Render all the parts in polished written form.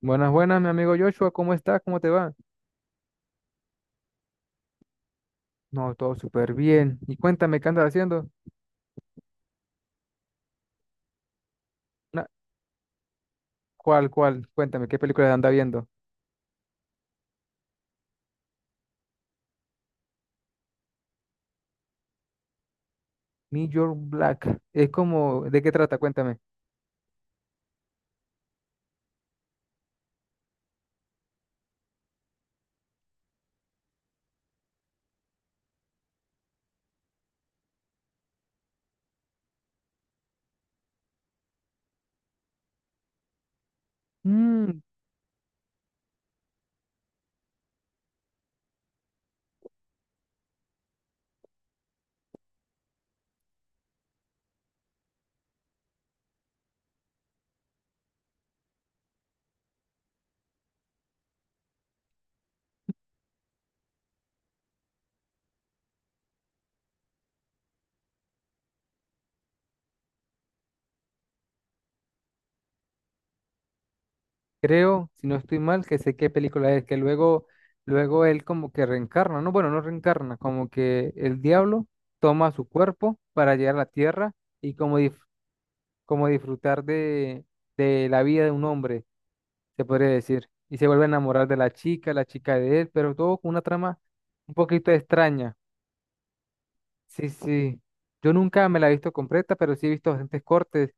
Buenas, buenas, mi amigo Joshua, ¿cómo estás? ¿Cómo te va? No, todo súper bien. Y cuéntame, ¿qué andas haciendo? Na- ¿Cuál, cuál? Cuéntame, ¿qué película anda viendo? New York Black. Es como, ¿de qué trata? Cuéntame. Mm, creo, si no estoy mal, que sé qué película es, que luego él como que reencarna, ¿no? Bueno, no reencarna, como que el diablo toma su cuerpo para llegar a la tierra y como disfrutar de la vida de un hombre. Se podría decir. Y se vuelve a enamorar de la chica de él, pero todo con una trama un poquito extraña. Sí, sí. Yo nunca me la he visto completa, pero sí he visto bastantes cortes.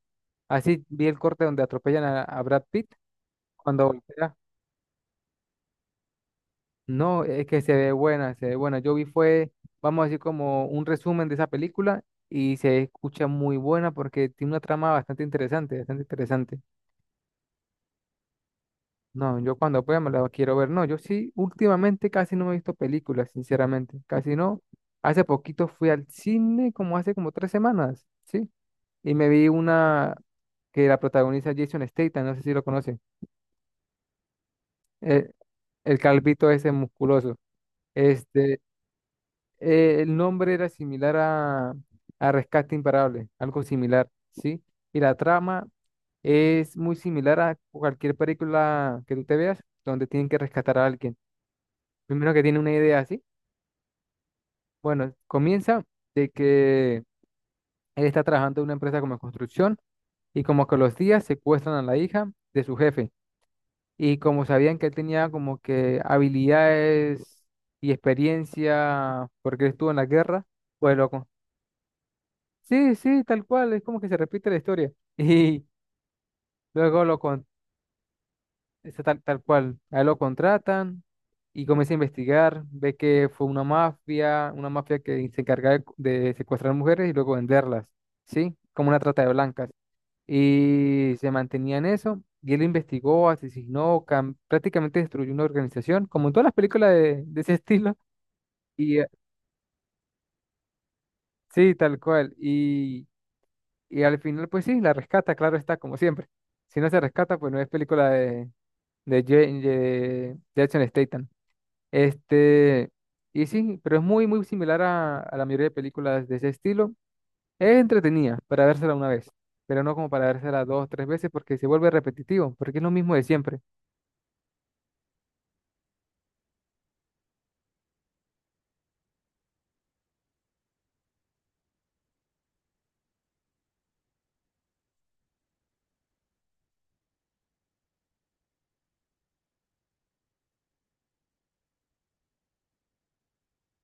Así vi el corte donde atropellan a Brad Pitt cuando voltea. No, es que se ve buena, se ve buena. Yo vi fue, vamos a decir, como un resumen de esa película y se escucha muy buena porque tiene una trama bastante interesante, bastante interesante. No, yo cuando pueda me la quiero ver. No, yo sí, últimamente casi no me he visto películas, sinceramente. Casi no. Hace poquito fui al cine, como hace como 3 semanas, ¿sí? Y me vi una que la protagoniza Jason Statham, no sé si lo conoce. El, el calvito ese musculoso. Este, el nombre era similar a Rescate Imparable, algo similar, ¿sí? Y la trama es muy similar a cualquier película que tú te veas, donde tienen que rescatar a alguien. Primero que tiene una idea así. Bueno, comienza de que él está trabajando en una empresa como de construcción y como que los días secuestran a la hija de su jefe. Y como sabían que él tenía como que habilidades y experiencia porque él estuvo en la guerra, pues loco. Sí, sí, tal cual, es como que se repite la historia. Y luego lo, con Está tal cual. A él lo contratan y comienza a investigar. Ve que fue una mafia que se encargaba de secuestrar mujeres y luego venderlas, ¿sí? Como una trata de blancas. Y se mantenía en eso. Y él investigó, asesinó, prácticamente destruyó una organización, como en todas las películas de ese estilo. Y eh, sí, tal cual. Y al final, pues sí, la rescata, claro está, como siempre. Si no se rescata, pues no es película de, de Jason Statham. Este, y sí, pero es muy, muy similar a la mayoría de películas de ese estilo. Es entretenida para vérsela una vez, pero no como para vérsela 2, 3 veces porque se vuelve repetitivo, porque es lo mismo de siempre.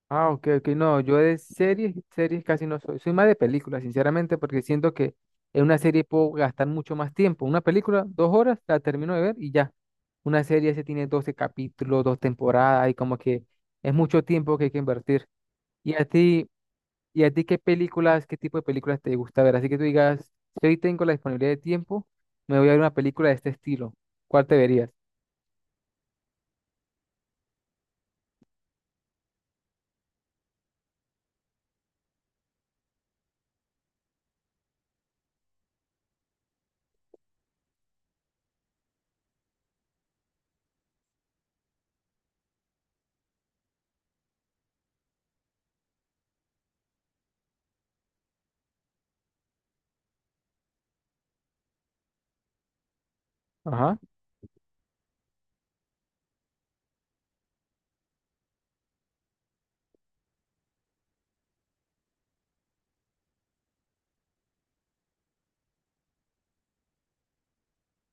Ah, ok, ok, no, yo de series casi no soy, soy más de películas, sinceramente, porque siento que en una serie puedo gastar mucho más tiempo. Una película, 2 horas, la termino de ver y ya. Una serie se tiene 12 capítulos, 2 temporadas y como que es mucho tiempo que hay que invertir. ¿Y a ti? ¿Y a ti, qué tipo de películas te gusta ver? Así que tú digas, si hoy tengo la disponibilidad de tiempo, me voy a ver una película de este estilo. ¿Cuál te verías? Ajá.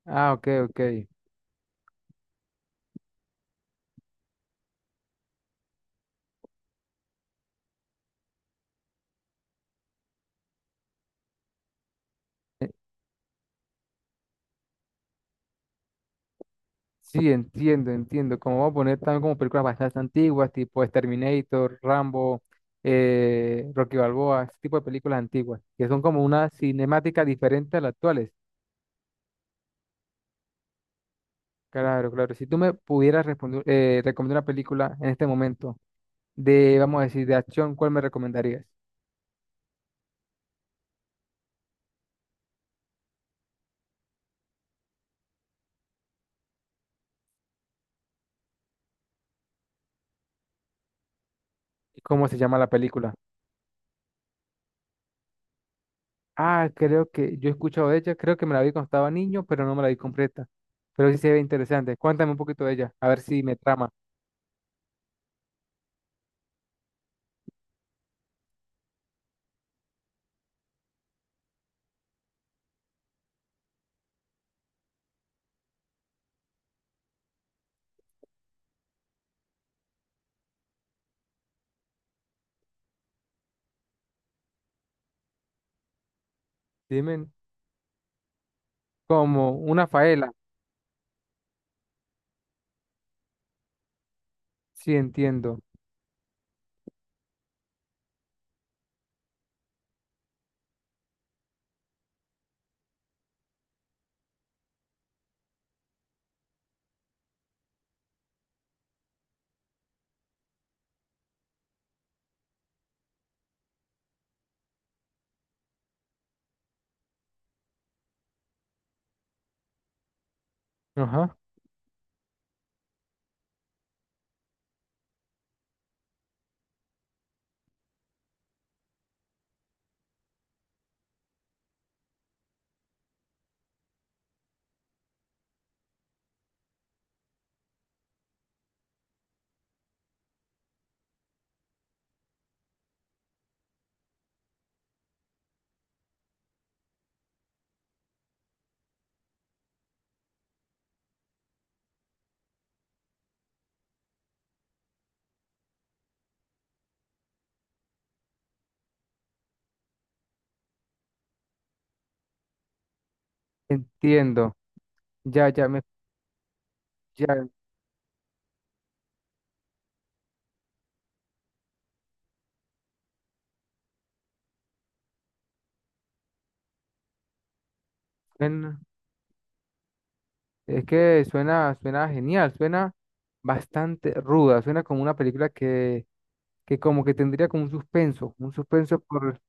Ah, ok, ok. Sí, entiendo, entiendo. Como vamos a poner también como películas bastante antiguas, tipo Terminator, Rambo, Rocky Balboa, ese tipo de películas antiguas, que son como una cinemática diferente a las actuales. Claro, claro. Si tú me pudieras responder, recomendar una película en este momento de, vamos a decir, de acción, ¿cuál me recomendarías? ¿Cómo se llama la película? Ah, creo que yo he escuchado de ella, creo que me la vi cuando estaba niño, pero no me la vi completa. Pero sí se ve interesante. Cuéntame un poquito de ella, a ver si me trama. Dime, como una faela. Sí, entiendo. Ajá. Entiendo. Ya, ya me, ya, suena- es que suena genial, suena bastante ruda, suena como una película que como que tendría como un suspenso.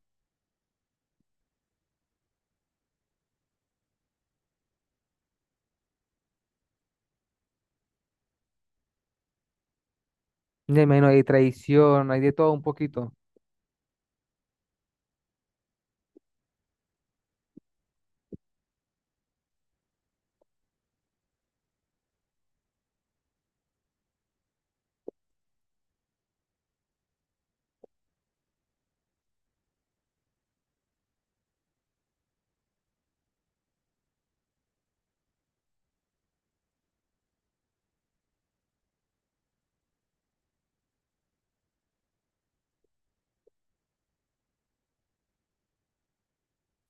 Ya me imagino, hay traición, hay de todo un poquito.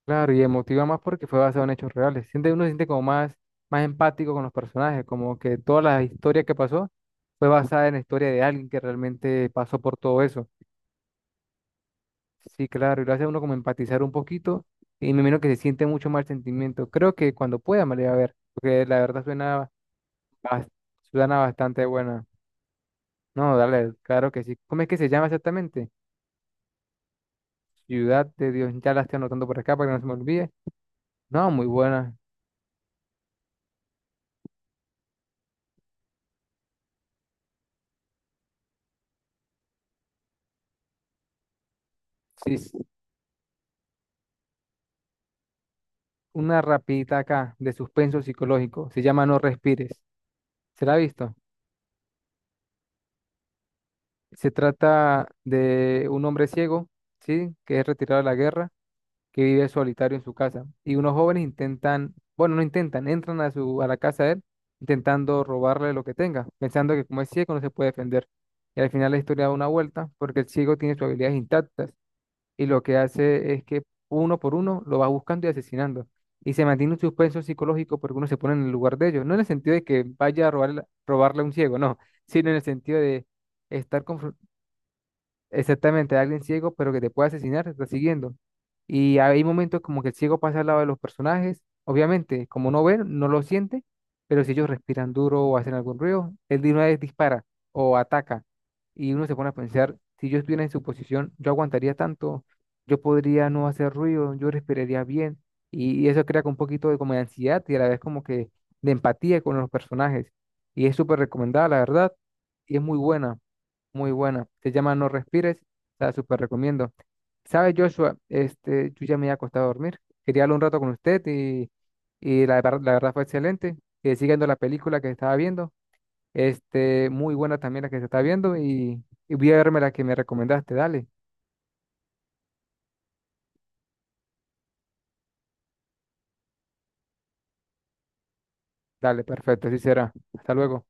Claro, y emotiva más porque fue basado en hechos reales. Siente, uno se siente como más empático con los personajes, como que toda la historia que pasó fue basada en la historia de alguien que realmente pasó por todo eso. Sí, claro, y lo hace a uno como empatizar un poquito y me imagino que se siente mucho más el sentimiento. Creo que cuando pueda me la voy a ver, porque la verdad bas- suena bastante buena. No, dale, claro que sí. ¿Cómo es que se llama exactamente? Ciudad de Dios, ya la estoy anotando por acá para que no se me olvide. No, muy buena. Sí, una rapidita acá de suspenso psicológico. Se llama No respires. ¿Se la ha visto? Se trata de un hombre ciego, ¿sí? Que es retirado de la guerra, que vive solitario en su casa. Y unos jóvenes intentan, bueno, no intentan, entran a la casa de él, intentando robarle lo que tenga, pensando que como es ciego no se puede defender. Y al final la historia da una vuelta, porque el ciego tiene sus habilidades intactas y lo que hace es que uno por uno lo va buscando y asesinando. Y se mantiene un suspenso psicológico porque uno se pone en el lugar de ellos. No en el sentido de que vaya a robarle a un ciego, no, sino en el sentido de estar. Exactamente, alguien ciego, pero que te puede asesinar, te está siguiendo. Y hay momentos como que el ciego pasa al lado de los personajes. Obviamente, como no ven, no lo siente, pero si ellos respiran duro o hacen algún ruido, él de una vez dispara o ataca. Y uno se pone a pensar, si yo estuviera en su posición, yo aguantaría tanto, yo podría no hacer ruido, yo respiraría bien. Y eso crea como un poquito de como de ansiedad y a la vez como que de empatía con los personajes. Y es súper recomendada, la verdad, y es muy buena. Muy buena. Se llama No respires. La súper recomiendo. ¿Sabe, Joshua? Yo ya me había acostado a dormir. Quería hablar un rato con usted y la verdad fue excelente. Siguiendo la película que estaba viendo. Muy buena también la que se está viendo y voy a verme la que me recomendaste. Dale, dale, perfecto, así será. Hasta luego.